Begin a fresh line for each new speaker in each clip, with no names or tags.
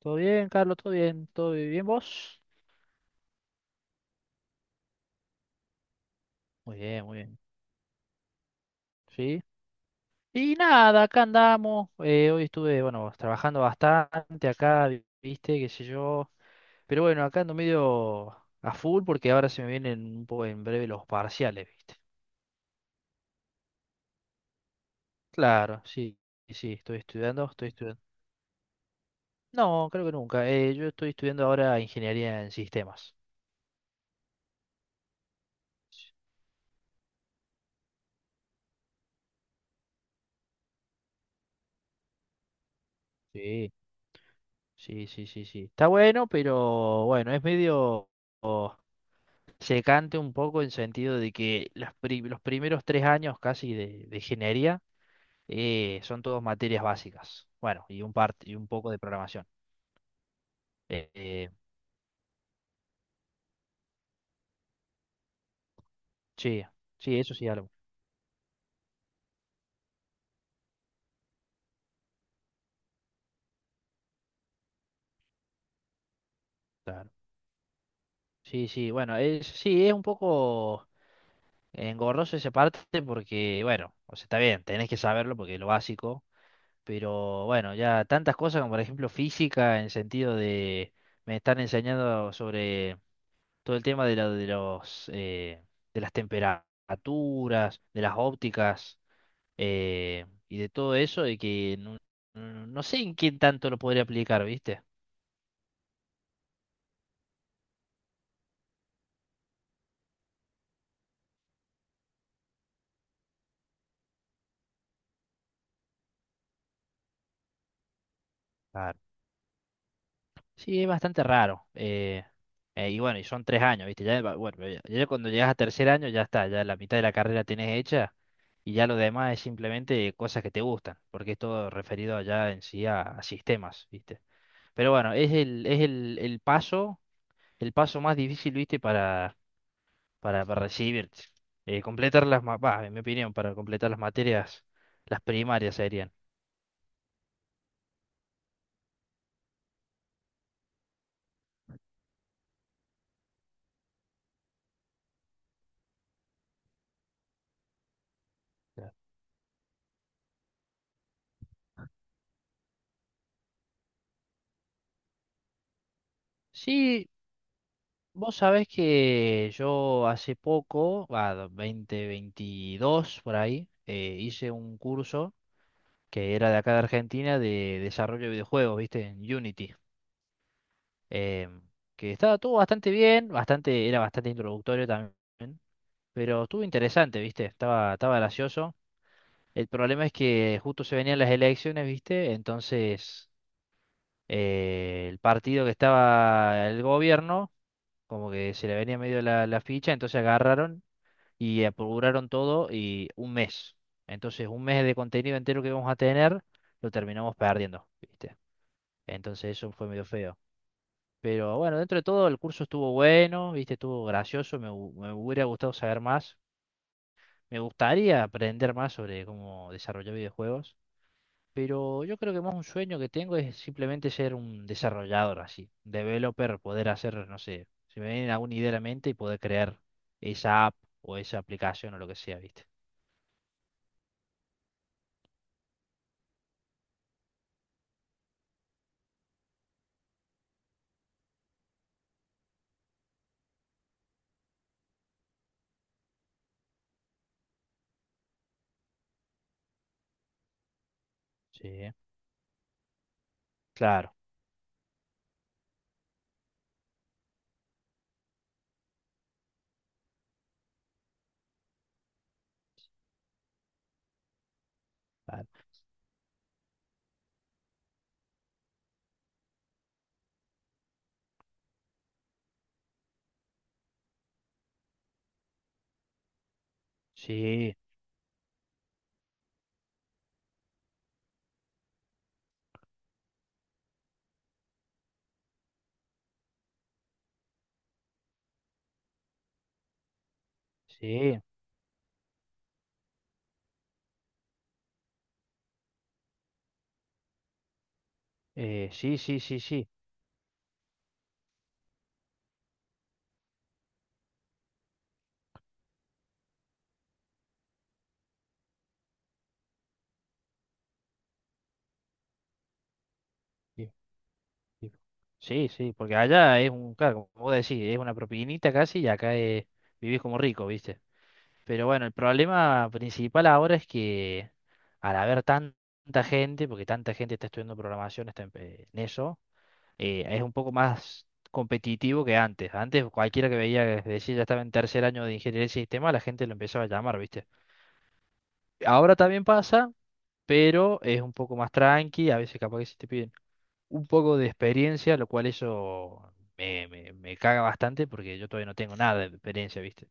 Todo bien, Carlos, todo bien, ¿vos? Muy bien, sí. Y nada, acá andamos. Hoy estuve, bueno, trabajando bastante acá, viste, qué sé yo. Pero bueno, acá ando medio a full porque ahora se me vienen un poco en breve los parciales, viste. Claro, sí, sí, estoy estudiando, estoy estudiando. No, creo que nunca. Yo estoy estudiando ahora ingeniería en sistemas. Sí, sí, sí, sí, sí. Está bueno, pero bueno, es medio secante un poco en sentido de que los primeros tres años casi de ingeniería son todos materias básicas. Bueno, y y un poco de programación. Eh, eh, sí, sí, eso sí algo. Claro. Sí, sí, bueno, es, sí, es un poco engorroso esa parte porque, bueno, o sea, está bien, tenés que saberlo porque es lo básico, pero bueno, ya tantas cosas como por ejemplo física en sentido de me están enseñando sobre todo el tema de, de los de las temperaturas, de las ópticas, y de todo eso, y que no sé en quién tanto lo podría aplicar, ¿viste? Claro. Sí, es bastante raro. Y bueno, y son tres años, ¿viste? Ya, bueno, ya cuando llegas a tercer año ya está, ya la mitad de la carrera tenés hecha y ya lo demás es simplemente cosas que te gustan, porque es todo referido allá en sí a sistemas, ¿viste? Pero bueno, el paso más difícil, ¿viste? Para recibir. Completar las, bah, en mi opinión, para completar las materias, las primarias serían. Claro. Sí, vos sabés que yo hace poco, va, 2022 por ahí, hice un curso que era de acá de Argentina de desarrollo de videojuegos, ¿viste? En Unity. eh, que estaba todo bastante bien, bastante, era bastante introductorio también, pero estuvo interesante, ¿viste? Estaba, estaba gracioso. El problema es que justo se venían las elecciones, ¿viste? Entonces, el partido que estaba el gobierno, como que se le venía medio la, la ficha, entonces agarraron y apuraron todo y un mes. Entonces, un mes de contenido entero que íbamos a tener, lo terminamos perdiendo, ¿viste? Entonces, eso fue medio feo. Pero bueno, dentro de todo, el curso estuvo bueno, ¿viste? Estuvo gracioso, me hubiera gustado saber más. Me gustaría aprender más sobre cómo desarrollar videojuegos. Pero yo creo que más un sueño que tengo es simplemente ser un desarrollador así, un developer, poder hacer, no sé, si me viene alguna idea a la mente y poder crear esa app o esa aplicación o lo que sea, ¿viste? Sí, claro, claro. Sí, sí, sí, sí, sí, sí. Sí, sí, sí, sí, porque allá es un, claro, como vos decís, es una propinita casi y acá es, vivís como rico, ¿viste? Pero bueno, el problema principal ahora es que al haber tanta gente, porque tanta gente está estudiando programación, está en eso, es un poco más competitivo que antes. Antes cualquiera que veía que decía ya estaba en tercer año de ingeniería de sistema, la gente lo empezaba a llamar, ¿viste? Ahora también pasa, pero es un poco más tranqui, a veces capaz que se te piden un poco de experiencia, lo cual eso me caga bastante porque yo todavía no tengo nada de experiencia, ¿viste?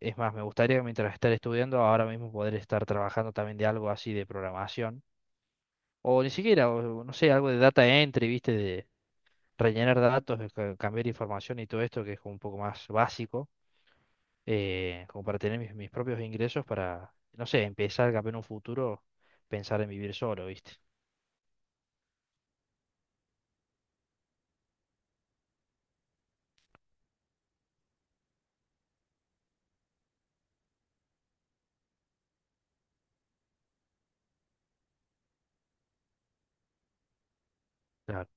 Es más, me gustaría que mientras estar estudiando, ahora mismo poder estar trabajando también de algo así de programación. O ni siquiera, o, no sé, algo de data entry, viste, de rellenar datos, de cambiar información y todo esto, que es como un poco más básico, como para tener mis, mis propios ingresos para, no sé, empezar capaz en un futuro, pensar en vivir solo, viste. Claro,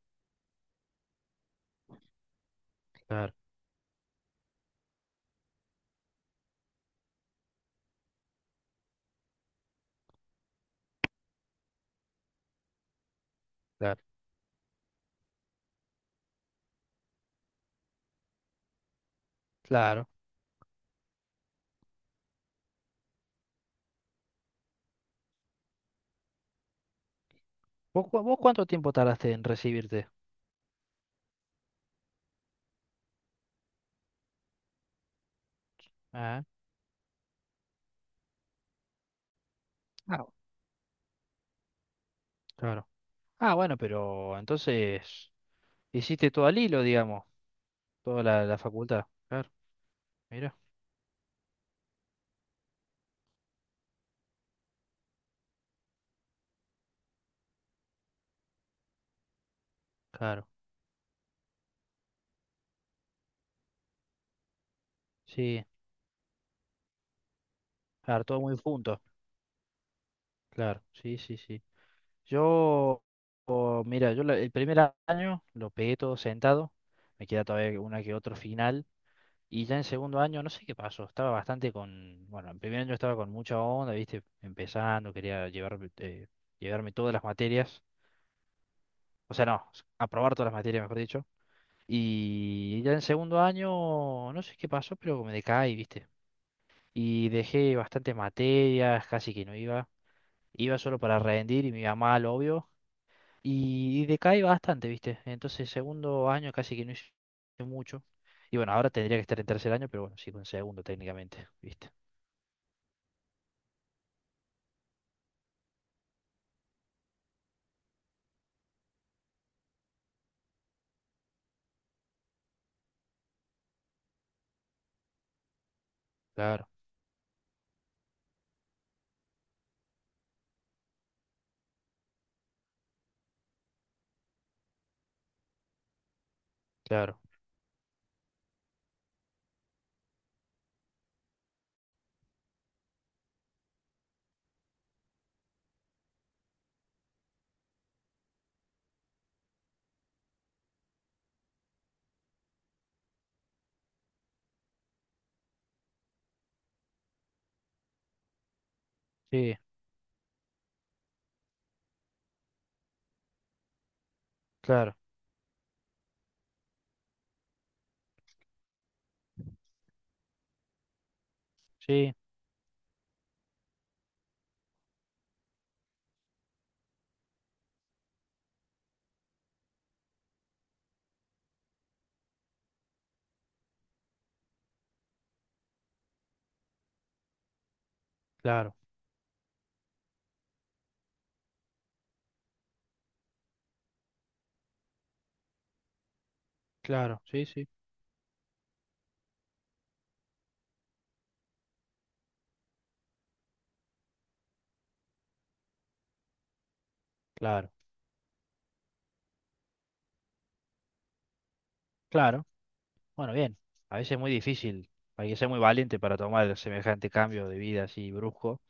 claro, claro. Claro. ¿Vos, vos cuánto tiempo tardaste en recibirte? Ah, ah, claro. Ah, bueno, pero entonces hiciste todo al hilo, digamos. Toda la, la facultad. Claro, mira. Claro, sí. Claro, todo muy junto. Claro, sí, sí, sí. Yo, mira, yo el año lo pegué todo sentado. Me queda todavía una que otro final. Y ya en segundo año, no sé qué pasó. Estaba bastante con. Bueno, en primer año estaba con mucha onda, ¿viste? Empezando, quería llevarme todas las materias. O sea, no, aprobar todas las materias, mejor dicho. Y ya en segundo año, no sé qué pasó, pero me decaí, ¿viste? Y dejé bastantes materias, casi que no iba. Iba solo para rendir y me iba mal, obvio. Y decaí bastante, ¿viste? Entonces, segundo año casi que no hice mucho. Y bueno, ahora tendría que estar en tercer año, pero bueno, sigo en segundo técnicamente, ¿viste? Claro, claro, sí, claro, sí, claro, claro, sí, sí, claro, claro. Bueno, bien, a veces es muy difícil, hay que ser muy valiente para tomar semejante cambio de vida así brusco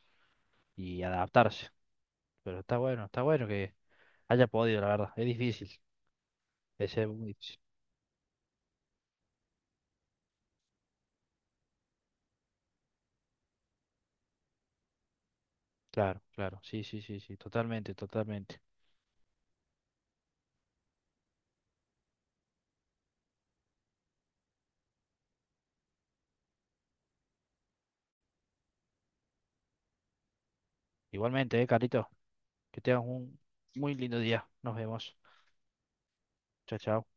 y adaptarse. Pero está bueno que haya podido, la verdad, es difícil. Ese Witch. Claro, claro. Sí, sí, sí, sí. Totalmente, totalmente. Igualmente, Carlito. Que tengas un muy lindo día. Nos vemos. Chao, chao.